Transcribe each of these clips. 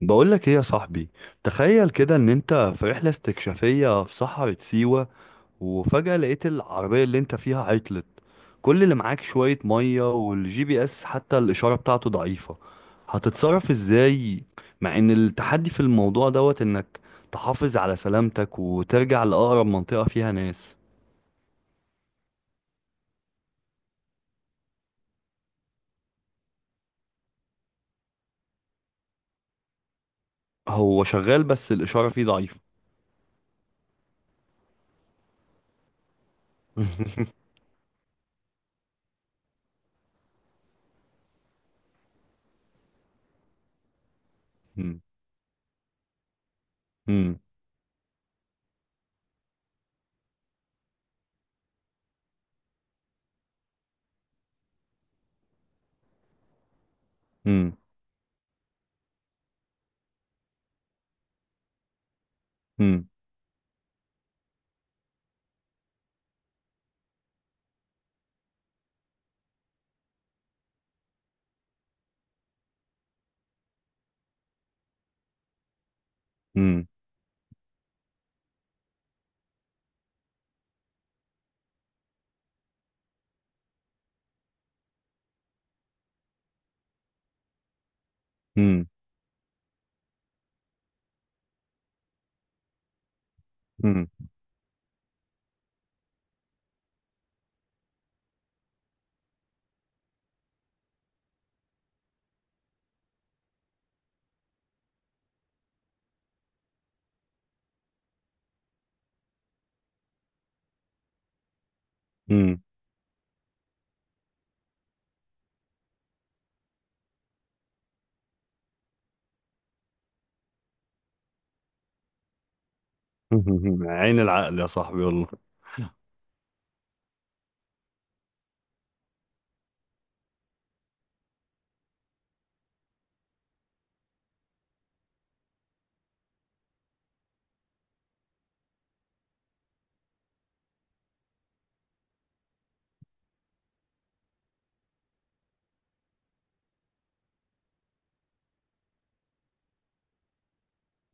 بقول لك ايه يا صاحبي؟ تخيل كده ان انت في رحلة استكشافية في صحراء سيوة، وفجأة لقيت العربية اللي انت فيها عطلت. كل اللي معاك شوية مية والجي بي اس حتى الإشارة بتاعته ضعيفة. هتتصرف ازاي؟ مع ان التحدي في الموضوع دوت انك تحافظ على سلامتك وترجع لأقرب منطقة فيها ناس. هو شغال بس الإشارة فيه ضعيفة. مم. مم. مم. مم. مم. مم. مم. عين العقل يا صاحبي والله.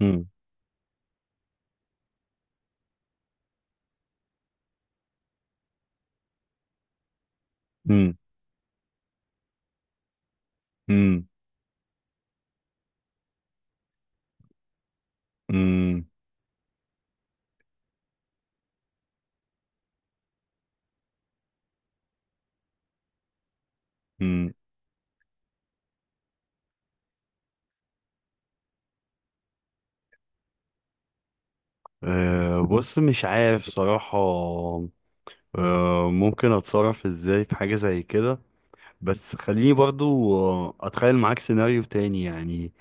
مم. مم. مم. مم. مم. أه. بص مش عارف صراحة. أه، ممكن اتصرف ازاي في حاجة زي كده؟ بس خليني برضو اتخيل معاك سيناريو تاني يعني.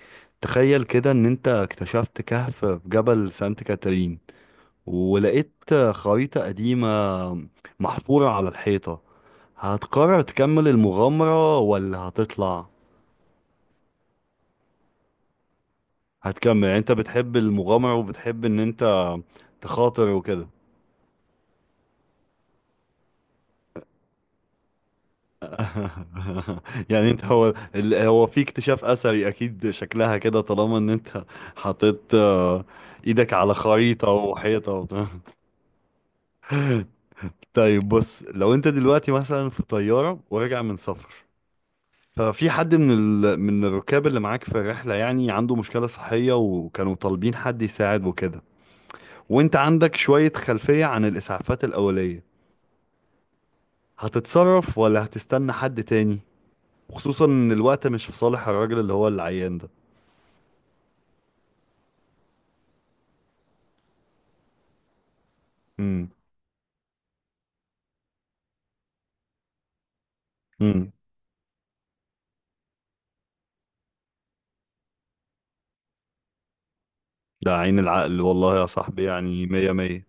تخيل كده ان انت اكتشفت كهف في جبل سانت كاترين، ولقيت خريطة قديمة محفورة على الحيطة. هتقرر تكمل المغامرة ولا هتطلع؟ هتكمل، يعني انت بتحب المغامرة وبتحب ان انت تخاطر وكده. يعني انت هو هو في اكتشاف اثري اكيد شكلها كده، طالما ان انت حطيت ايدك على خريطة وحيطة وبتاع. طيب بص، لو انت دلوقتي مثلا في طيارة وراجع من سفر، ففي حد من الركاب اللي معاك في الرحلة يعني عنده مشكلة صحية وكانوا طالبين حد يساعد وكده، وانت عندك شوية خلفية عن الاسعافات الاولية. هتتصرف ولا هتستنى حد تاني؟ خصوصا ان الوقت مش في صالح الراجل اللي هو العيان ده. امم. امم. ده عين العقل والله يا صاحبي، يعني مية مية.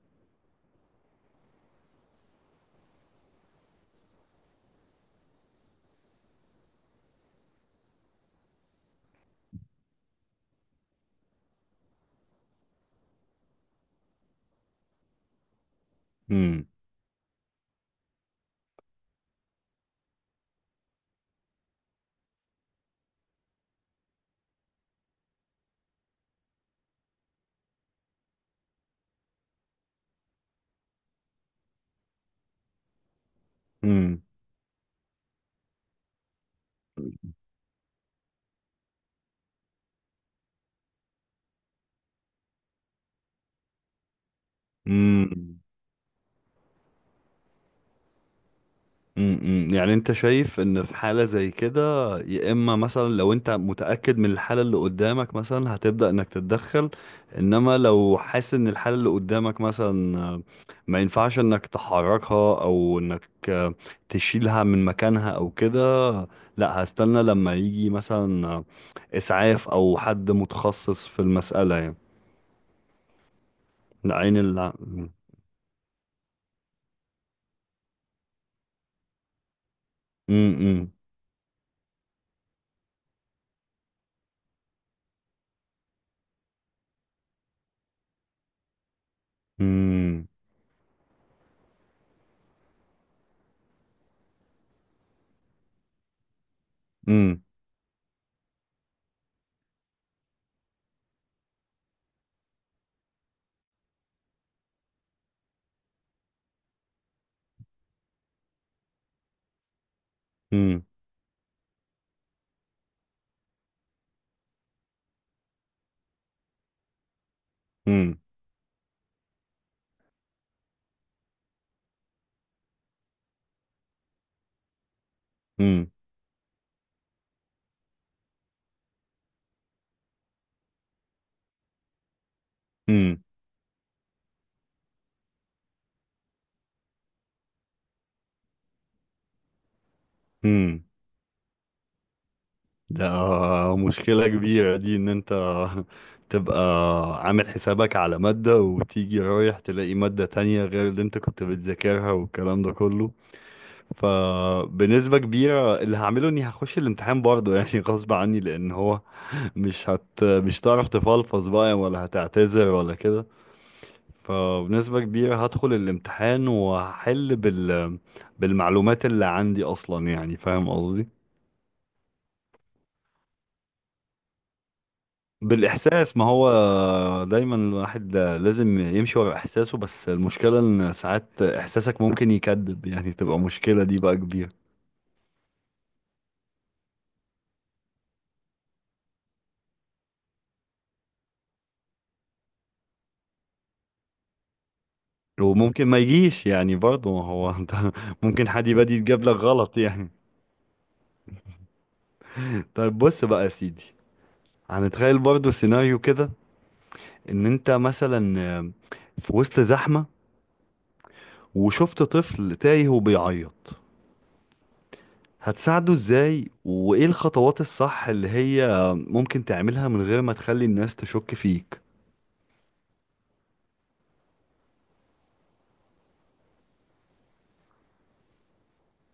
امم. امم. امم. امم. يعني انت شايف ان في حالة زي كده، يا اما مثلا لو انت متأكد من الحالة اللي قدامك مثلا هتبدأ انك تتدخل، انما لو حاسس ان الحالة اللي قدامك مثلا ما ينفعش انك تحركها او انك تشيلها من مكانها او كده، لا هستنى لما يجي مثلا اسعاف او حد متخصص في المسألة يعني. العين اللي. امم. امم. امم. امم. امم. امم. امم. ده مشكلة كبيرة دي ان انت تبقى عامل حسابك على مادة وتيجي رايح تلاقي مادة تانية غير اللي انت كنت بتذاكرها والكلام ده كله. فبنسبة كبيرة اللي هعمله اني هخش الامتحان برضه، يعني غصب عني، لان هو مش هتعرف تفلفظ بقى ولا هتعتذر ولا كده. فبنسبة كبيرة هدخل الامتحان وهحل بالمعلومات اللي عندي اصلا، يعني فاهم قصدي. بالإحساس، ما هو دايما الواحد لازم يمشي ورا إحساسه، بس المشكلة إن ساعات إحساسك ممكن يكذب، يعني تبقى مشكلة دي بقى كبيرة. وممكن ما يجيش يعني برضه ما هو، أنت ممكن حد يبادي يتجاب لك غلط يعني. طيب بص بقى يا سيدي، هنتخيل برضه سيناريو كده. إن أنت مثلا في وسط زحمة وشفت طفل تايه وبيعيط، هتساعده ازاي وايه الخطوات الصح اللي هي ممكن تعملها من غير ما تخلي الناس تشك فيك؟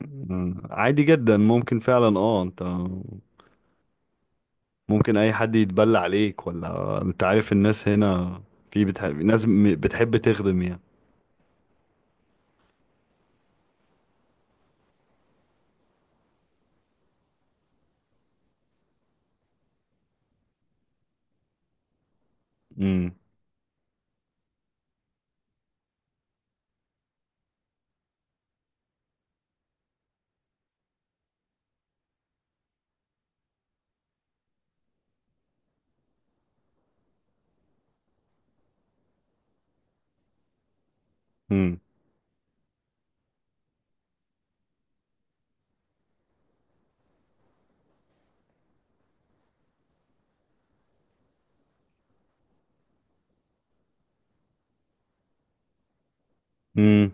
مم. عادي جدا، ممكن فعلا اه انت ممكن اي حد يتبلى عليك، ولا انت عارف الناس هنا في بتحب ناس بتحب تخدم يعني. مم. مم. مم.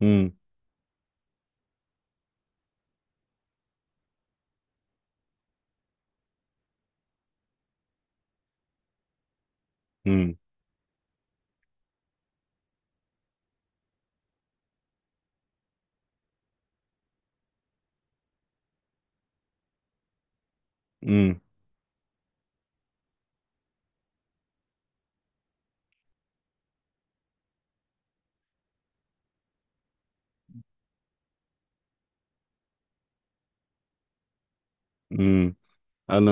مم. مم. مم. مم. انا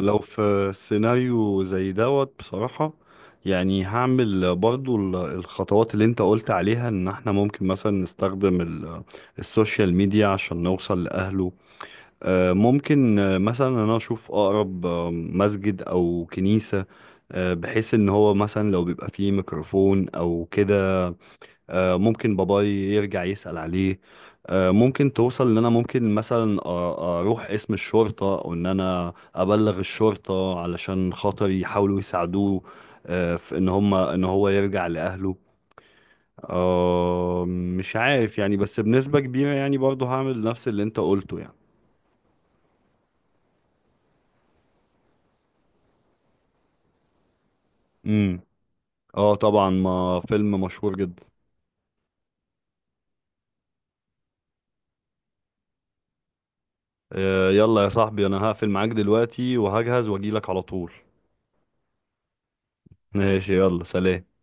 لو في سيناريو زي دوت بصراحة، يعني هعمل برضو الخطوات اللي انت قلت عليها ان احنا ممكن مثلا نستخدم السوشيال ميديا عشان نوصل لأهله. ممكن مثلا انا اشوف اقرب مسجد او كنيسة، بحيث ان هو مثلا لو بيبقى فيه ميكروفون او كده ممكن باباي يرجع يسأل عليه. ممكن توصل ان انا ممكن مثلا اروح اسم الشرطة او ان انا ابلغ الشرطة علشان خاطر يحاولوا يساعدوه، في ان هم ان هو يرجع لأهله. مش عارف يعني، بس بنسبة كبيرة يعني برضه هعمل نفس اللي انت قلته. يعني اه طبعا، ما فيلم مشهور جدا. يلا يا صاحبي انا هقفل معاك دلوقتي وهجهز واجيلك على طول. ماشي، يلا سلام.